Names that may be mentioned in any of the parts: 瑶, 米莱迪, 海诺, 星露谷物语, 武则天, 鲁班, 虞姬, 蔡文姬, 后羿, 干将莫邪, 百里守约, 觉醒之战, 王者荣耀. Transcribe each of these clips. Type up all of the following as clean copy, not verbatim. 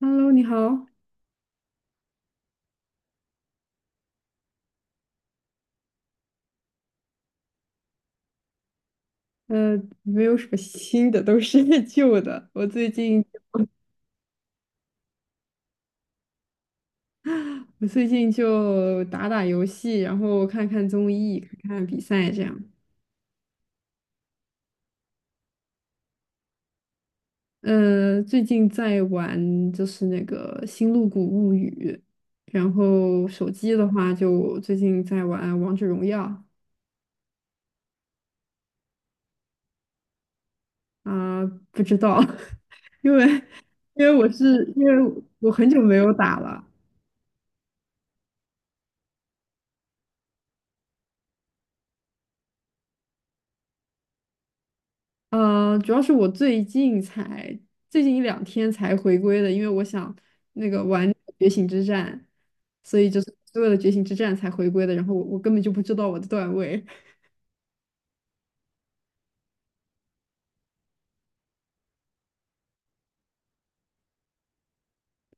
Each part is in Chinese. Hello，你好。没有什么新的，都是 旧的。我最近就打打游戏，然后看看综艺，看看比赛这样。最近在玩就是那个《星露谷物语》，然后手机的话就最近在玩《王者荣耀》。啊，不知道，因为因为我很久没有打了。主要是我最近才最近一两天才回归的，因为我想那个玩觉醒之战，所以就是为了觉醒之战才回归的。然后我根本就不知道我的段位，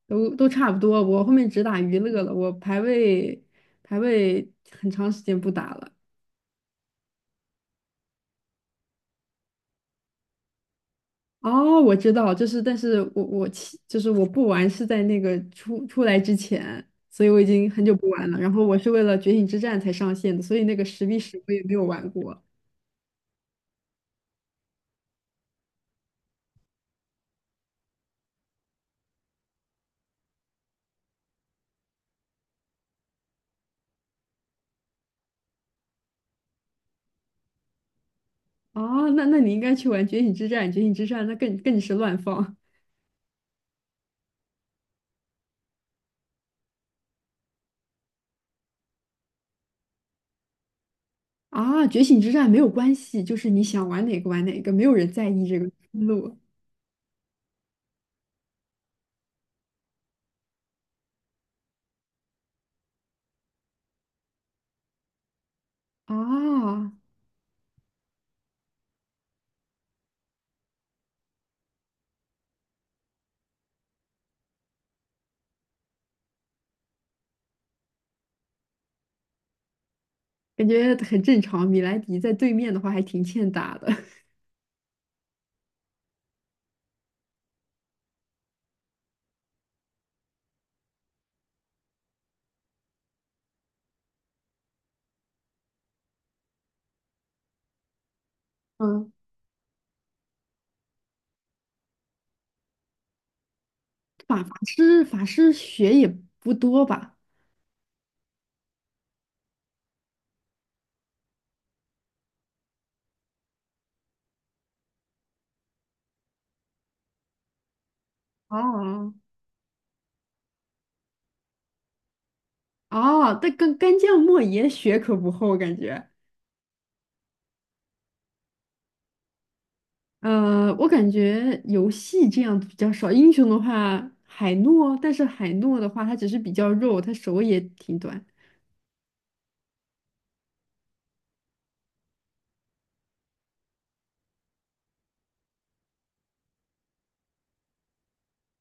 都差不多。我后面只打娱乐了，我排位很长时间不打了。哦，我知道，就是但是我就是我不玩是在那个出来之前，所以我已经很久不玩了。然后我是为了觉醒之战才上线的，所以那个10v10我也没有玩过。哦，那你应该去玩《觉醒之战》，《觉醒之战》那更是乱放啊！《觉醒之战》没有关系，就是你想玩哪个玩哪个，没有人在意这个思路。啊，感觉很正常。米莱迪在对面的话还挺欠打的。嗯，法师血也不多吧？哦哦，但干将莫邪血可不厚，感觉。我感觉游戏这样比较少，英雄的话海诺，但是海诺的话他只是比较肉，他手也挺短。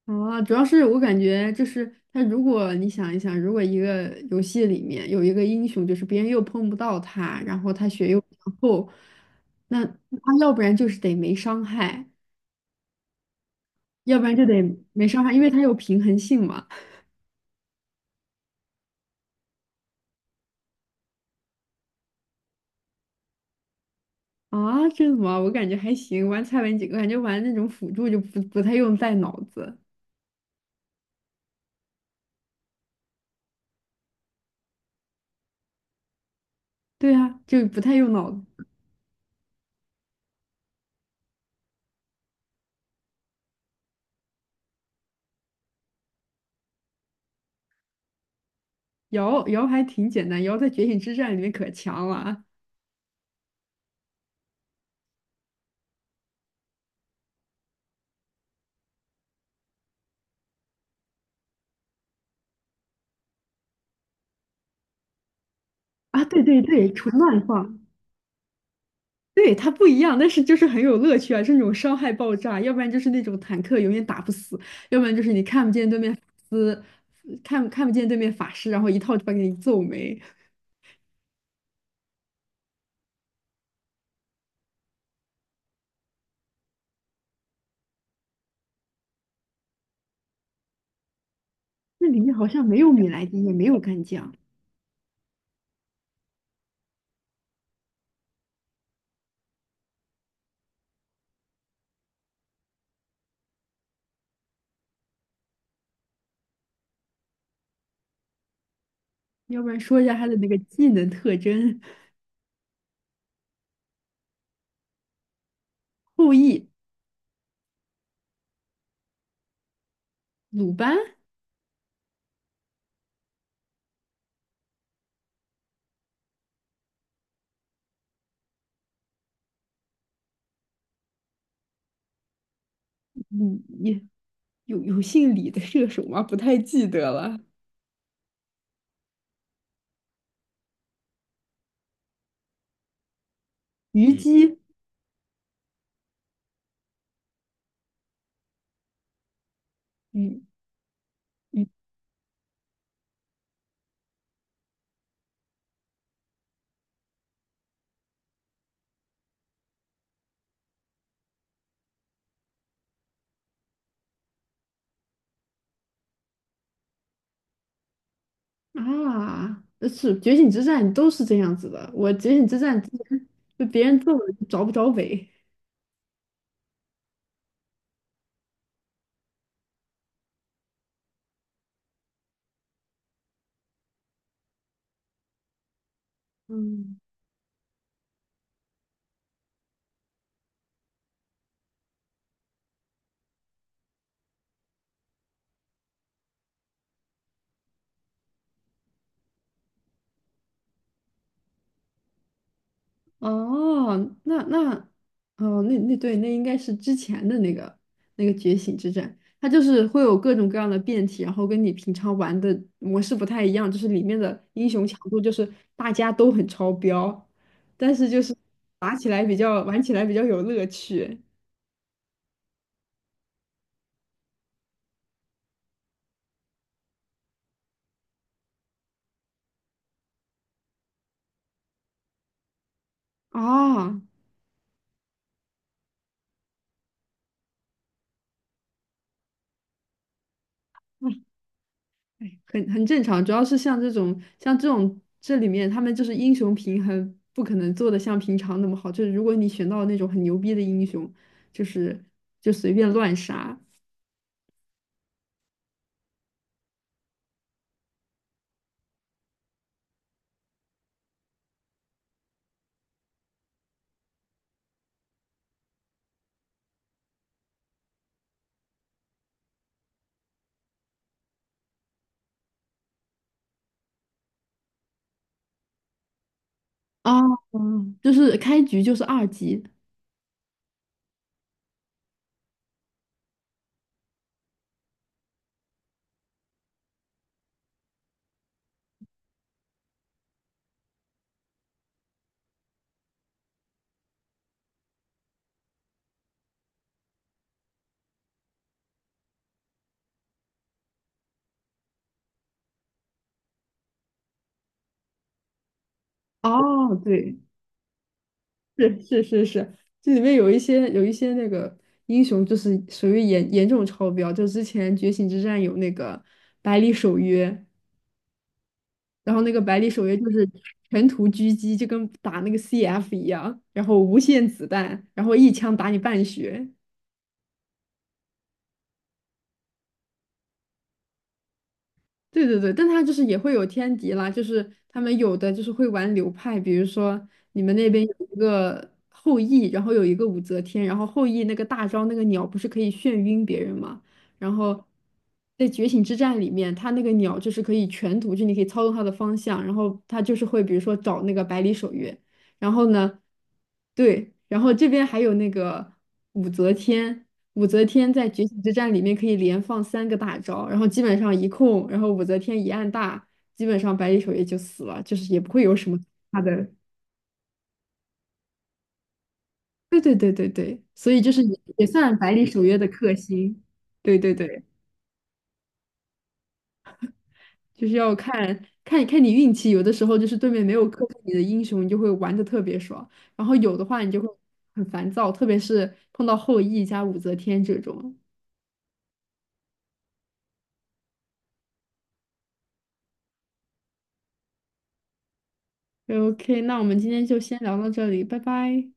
啊，主要是我感觉就是他，如果你想一想，如果一个游戏里面有一个英雄，就是别人又碰不到他，然后他血又比较厚，那他要不然就是得没伤害，要不然就得没伤害，因为他有平衡性嘛。啊，这怎么？我感觉还行，玩蔡文姬，我感觉玩那种辅助就不太用带脑子。对啊，就不太用脑子。瑶还挺简单，瑶在《觉醒之战》里面可强了啊！啊，对对对，纯乱放。对，它不一样，但是就是很有乐趣啊！这种伤害爆炸，要不然就是那种坦克永远打不死，要不然就是你看不见对面法师，看不见对面法师，然后一套就把给你揍没。那里面好像没有米莱狄，也没有干将，要不然说一下他的那个技能特征。后羿、鲁班，李你有姓李的射手吗？不太记得了。虞姬。嗯嗯啊，是《觉醒之战》都是这样子的。我《觉醒之战》之前就别人揍我就找不着北。嗯，哦，那那哦，那对，那应该是之前的那个觉醒之战，它就是会有各种各样的变体，然后跟你平常玩的模式不太一样，就是里面的英雄强度就是大家都很超标，但是就是打起来比较玩起来比较有乐趣啊。哎，很正常，主要是像这种这里面，他们就是英雄平衡不可能做的像平常那么好。就是如果你选到那种很牛逼的英雄，就是就随便乱杀啊。就是开局就是2级。哦，对，是是是是，这里面有一些那个英雄就是属于严重超标，就之前觉醒之战有那个百里守约。然后那个百里守约就是全图狙击，就跟打那个 CF 一样，然后无限子弹，然后一枪打你半血。对对对，但他就是也会有天敌啦，就是他们有的就是会玩流派，比如说你们那边有一个后羿，然后有一个武则天，然后后羿那个大招那个鸟不是可以眩晕别人吗？然后在觉醒之战里面，他那个鸟就是可以全图，就你可以操纵它的方向，然后他就是会比如说找那个百里守约。然后呢，对，然后这边还有那个武则天，武则天在觉醒之战里面可以连放三个大招，然后基本上一控，然后武则天一按大，基本上百里守约就死了，就是也不会有什么大的。对对对对对，所以就是也算百里守约的克星。对对对，就是要看你运气，有的时候就是对面没有克制你的英雄，你就会玩的特别爽，然后有的话你就会很烦躁，特别是碰到后羿加武则天这种。OK，那我们今天就先聊到这里，拜拜。